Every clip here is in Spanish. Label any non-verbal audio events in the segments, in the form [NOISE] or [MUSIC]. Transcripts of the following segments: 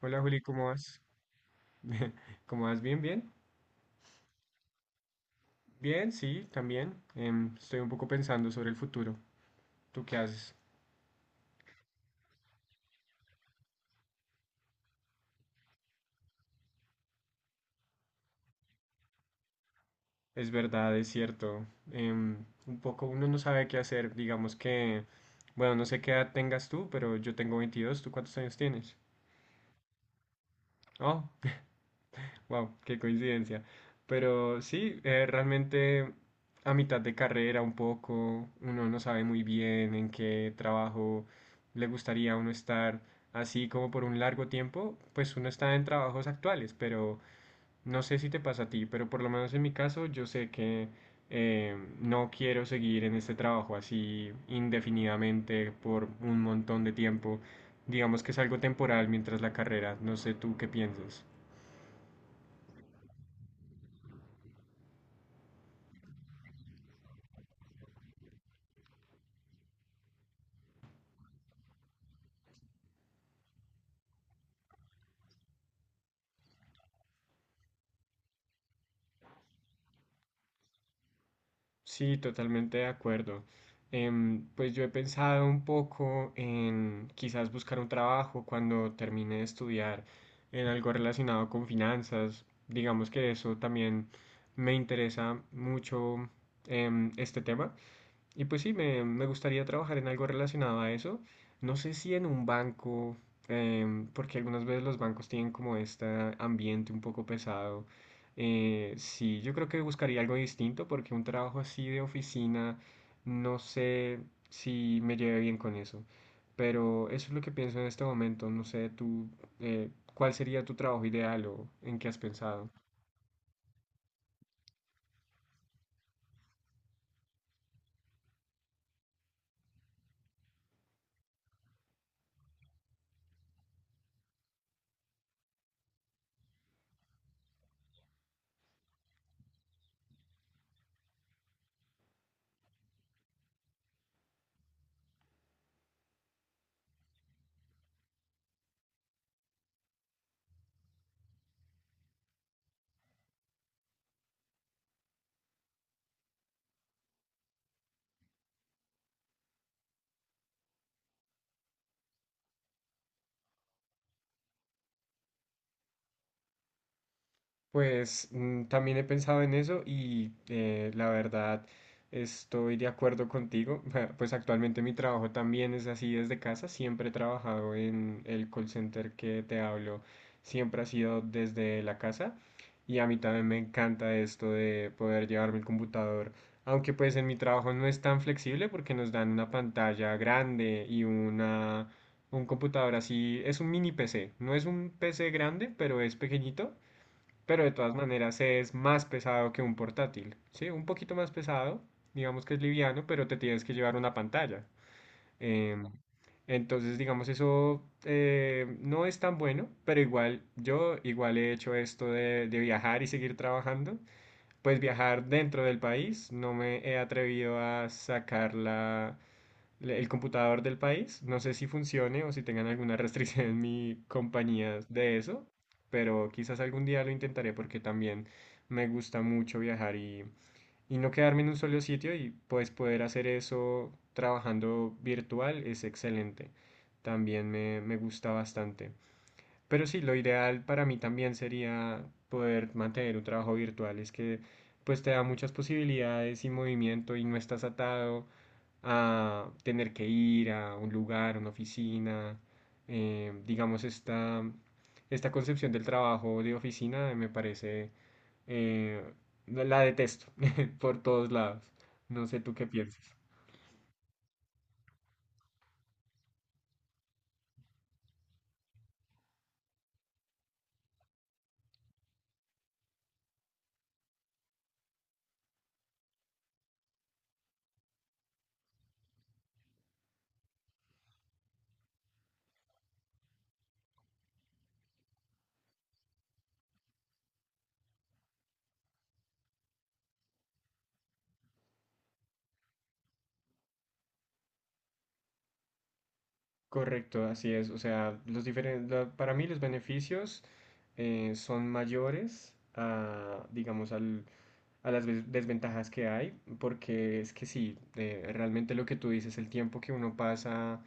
Hola Juli, ¿cómo vas? [LAUGHS] ¿Cómo vas? ¿Bien, bien? Bien, sí, también. Estoy un poco pensando sobre el futuro. ¿Tú qué haces? Es verdad, es cierto. Un poco uno no sabe qué hacer. Digamos que, bueno, no sé qué edad tengas tú, pero yo tengo 22. ¿Tú cuántos años tienes? Oh, wow, qué coincidencia. Pero sí, realmente a mitad de carrera un poco, uno no sabe muy bien en qué trabajo le gustaría a uno estar, así como por un largo tiempo, pues uno está en trabajos actuales, pero no sé si te pasa a ti, pero por lo menos en mi caso yo sé que no quiero seguir en este trabajo así indefinidamente por un montón de tiempo. Digamos que es algo temporal mientras la carrera, no sé tú qué piensas. Sí, totalmente de acuerdo. Pues yo he pensado un poco en quizás buscar un trabajo cuando termine de estudiar en algo relacionado con finanzas. Digamos que eso también me interesa mucho, este tema. Y pues sí, me gustaría trabajar en algo relacionado a eso. No sé si en un banco, porque algunas veces los bancos tienen como este ambiente un poco pesado. Sí, yo creo que buscaría algo distinto porque un trabajo así de oficina, no sé si me lleve bien con eso. Pero eso es lo que pienso en este momento. No sé, tú, ¿cuál sería tu trabajo ideal o en qué has pensado? Pues también he pensado en eso y la verdad estoy de acuerdo contigo. [LAUGHS] Pues actualmente mi trabajo también es así desde casa. Siempre he trabajado en el call center que te hablo. Siempre ha sido desde la casa y a mí también me encanta esto de poder llevarme el computador. Aunque pues en mi trabajo no es tan flexible porque nos dan una pantalla grande y un computador así. Es un mini PC. No es un PC grande, pero es pequeñito, pero de todas maneras es más pesado que un portátil, ¿sí? Un poquito más pesado, digamos que es liviano, pero te tienes que llevar una pantalla. Em, entonces, digamos, eso no es tan bueno, pero igual yo igual he hecho esto de viajar y seguir trabajando. Pues viajar dentro del país, no me he atrevido a sacar el computador del país. No sé si funcione o si tengan alguna [LAUGHS] restricción en mi compañía de eso, pero quizás algún día lo intentaré porque también me gusta mucho viajar y no quedarme en un solo sitio y pues poder hacer eso trabajando virtual es excelente. También me gusta bastante. Pero sí, lo ideal para mí también sería poder mantener un trabajo virtual. Es que pues te da muchas posibilidades y movimiento y no estás atado a tener que ir a un lugar, una oficina. Digamos, esta concepción del trabajo de oficina me parece, eh, la detesto [LAUGHS] por todos lados. No sé tú qué piensas. Correcto, así es. O sea, para mí los beneficios son mayores a, digamos, a desventajas que hay, porque es que sí, realmente lo que tú dices, el tiempo que uno pasa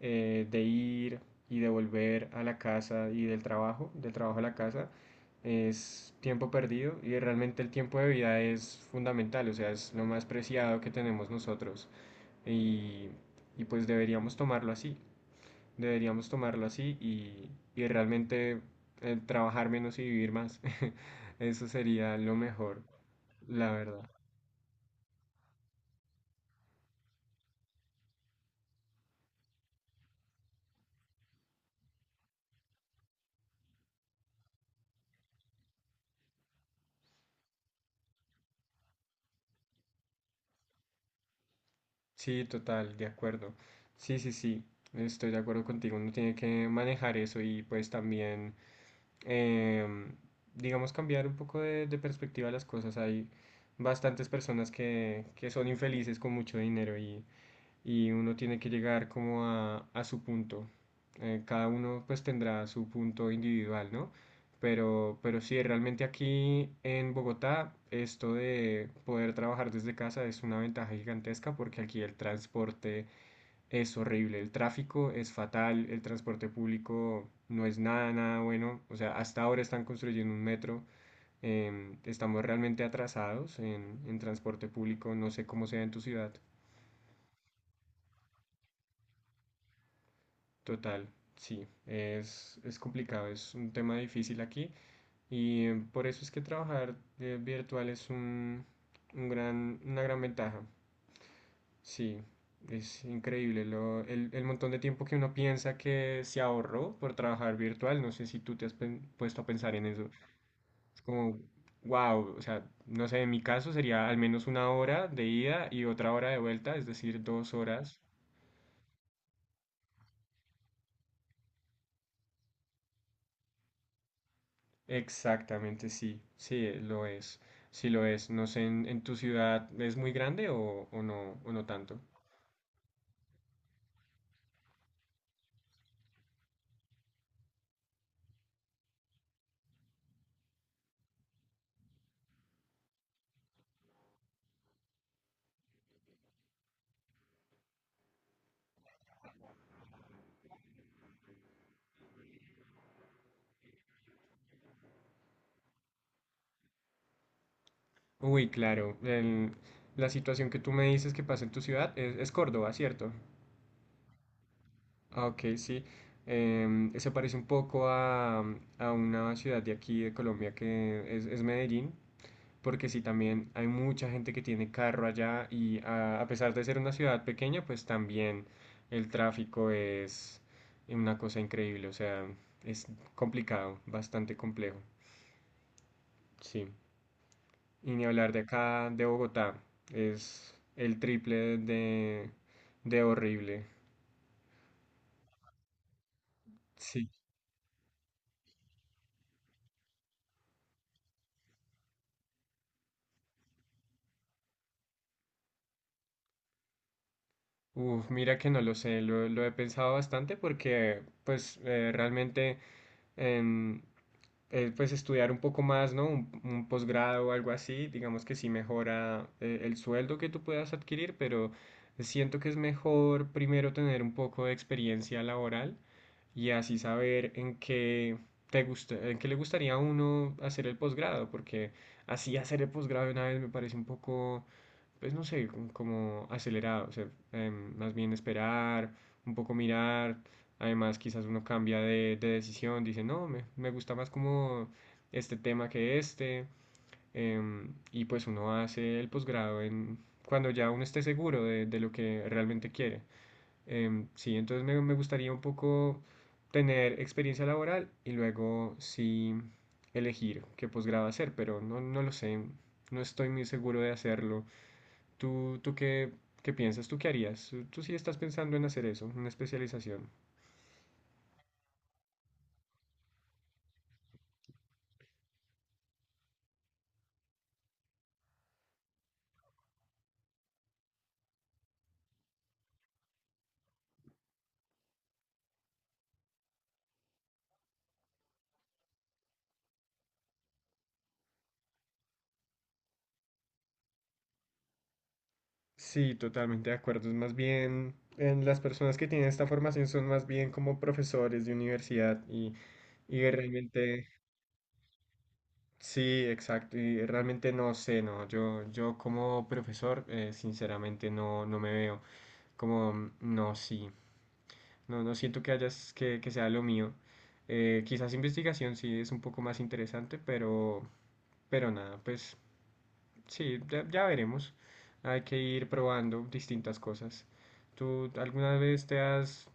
de ir y de volver a la casa y del trabajo a la casa, es tiempo perdido y realmente el tiempo de vida es fundamental, o sea, es lo más preciado que tenemos nosotros y, y pues deberíamos tomarlo así y realmente trabajar menos y vivir más, [LAUGHS] eso sería lo mejor, la verdad. Sí, total, de acuerdo. Sí, sí, sí, estoy de acuerdo contigo. Uno tiene que manejar eso y pues también, em, digamos, cambiar un poco de perspectiva a las cosas. Hay bastantes personas que son infelices con mucho dinero y uno tiene que llegar como a su punto. Cada uno pues tendrá su punto individual, ¿no? Pero sí, realmente aquí en Bogotá esto de poder trabajar desde casa es una ventaja gigantesca porque aquí el transporte es horrible, el tráfico es fatal, el transporte público no es nada, nada bueno. O sea, hasta ahora están construyendo un metro, estamos realmente atrasados en transporte público, no sé cómo sea en tu ciudad. Total, sí, es complicado, es un tema difícil aquí y por eso es que trabajar virtual es un gran, una gran ventaja. Sí, es increíble el montón de tiempo que uno piensa que se ahorró por trabajar virtual. No sé si tú te has puesto a pensar en eso. Es como, wow, o sea, no sé, en mi caso sería al menos una hora de ida y otra hora de vuelta, es decir, dos horas. Exactamente, sí, sí, lo es, sí lo es. No sé, en tu ciudad es muy grande o no tanto? Uy, claro, la situación que tú me dices que pasa en tu ciudad es Córdoba, ¿cierto? Ah, ok, sí. Se parece un poco a una ciudad de aquí de Colombia que es Medellín. Porque sí, también hay mucha gente que tiene carro allá y a pesar de ser una ciudad pequeña, pues también el tráfico es una cosa increíble, o sea, es complicado, bastante complejo, sí. Y ni hablar de acá, de Bogotá, es el triple de horrible. Sí. Uf, mira que no lo sé, lo he pensado bastante porque pues realmente... en, pues estudiar un poco más, ¿no? Un posgrado o algo así, digamos que sí mejora el sueldo que tú puedas adquirir, pero siento que es mejor primero tener un poco de experiencia laboral y así saber en qué te gusta, en qué le gustaría a uno hacer el posgrado, porque así hacer el posgrado de una vez me parece un poco pues no sé, como, como acelerado, o sea, más bien esperar, un poco mirar, además quizás uno cambia de decisión, dice, no, me gusta más como este tema que este, y pues uno hace el posgrado cuando ya uno esté seguro de lo que realmente quiere. Sí, entonces me gustaría un poco tener experiencia laboral y luego sí elegir qué posgrado hacer, pero no, no lo sé, no estoy muy seguro de hacerlo. ¿Tú, tú qué, qué piensas? ¿Tú qué harías? ¿Tú, tú sí estás pensando en hacer eso, una especialización? Sí, totalmente de acuerdo. Es más bien, en las personas que tienen esta formación son más bien como profesores de universidad y realmente, sí, exacto. Y realmente no sé, no. Yo como profesor, sinceramente no, no me veo como, mm, no, sí. No, no siento que hayas, que sea lo mío. Quizás investigación sí es un poco más interesante, pero nada, pues sí, ya, ya veremos. Hay que ir probando distintas cosas. ¿Tú alguna vez te has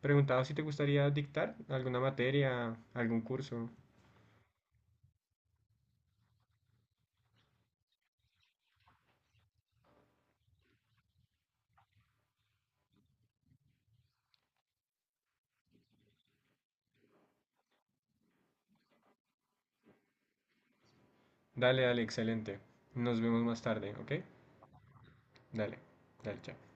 preguntado si te gustaría dictar alguna materia, algún curso? Dale, dale, excelente. Nos vemos más tarde, ¿ok? Dale, dale, chao.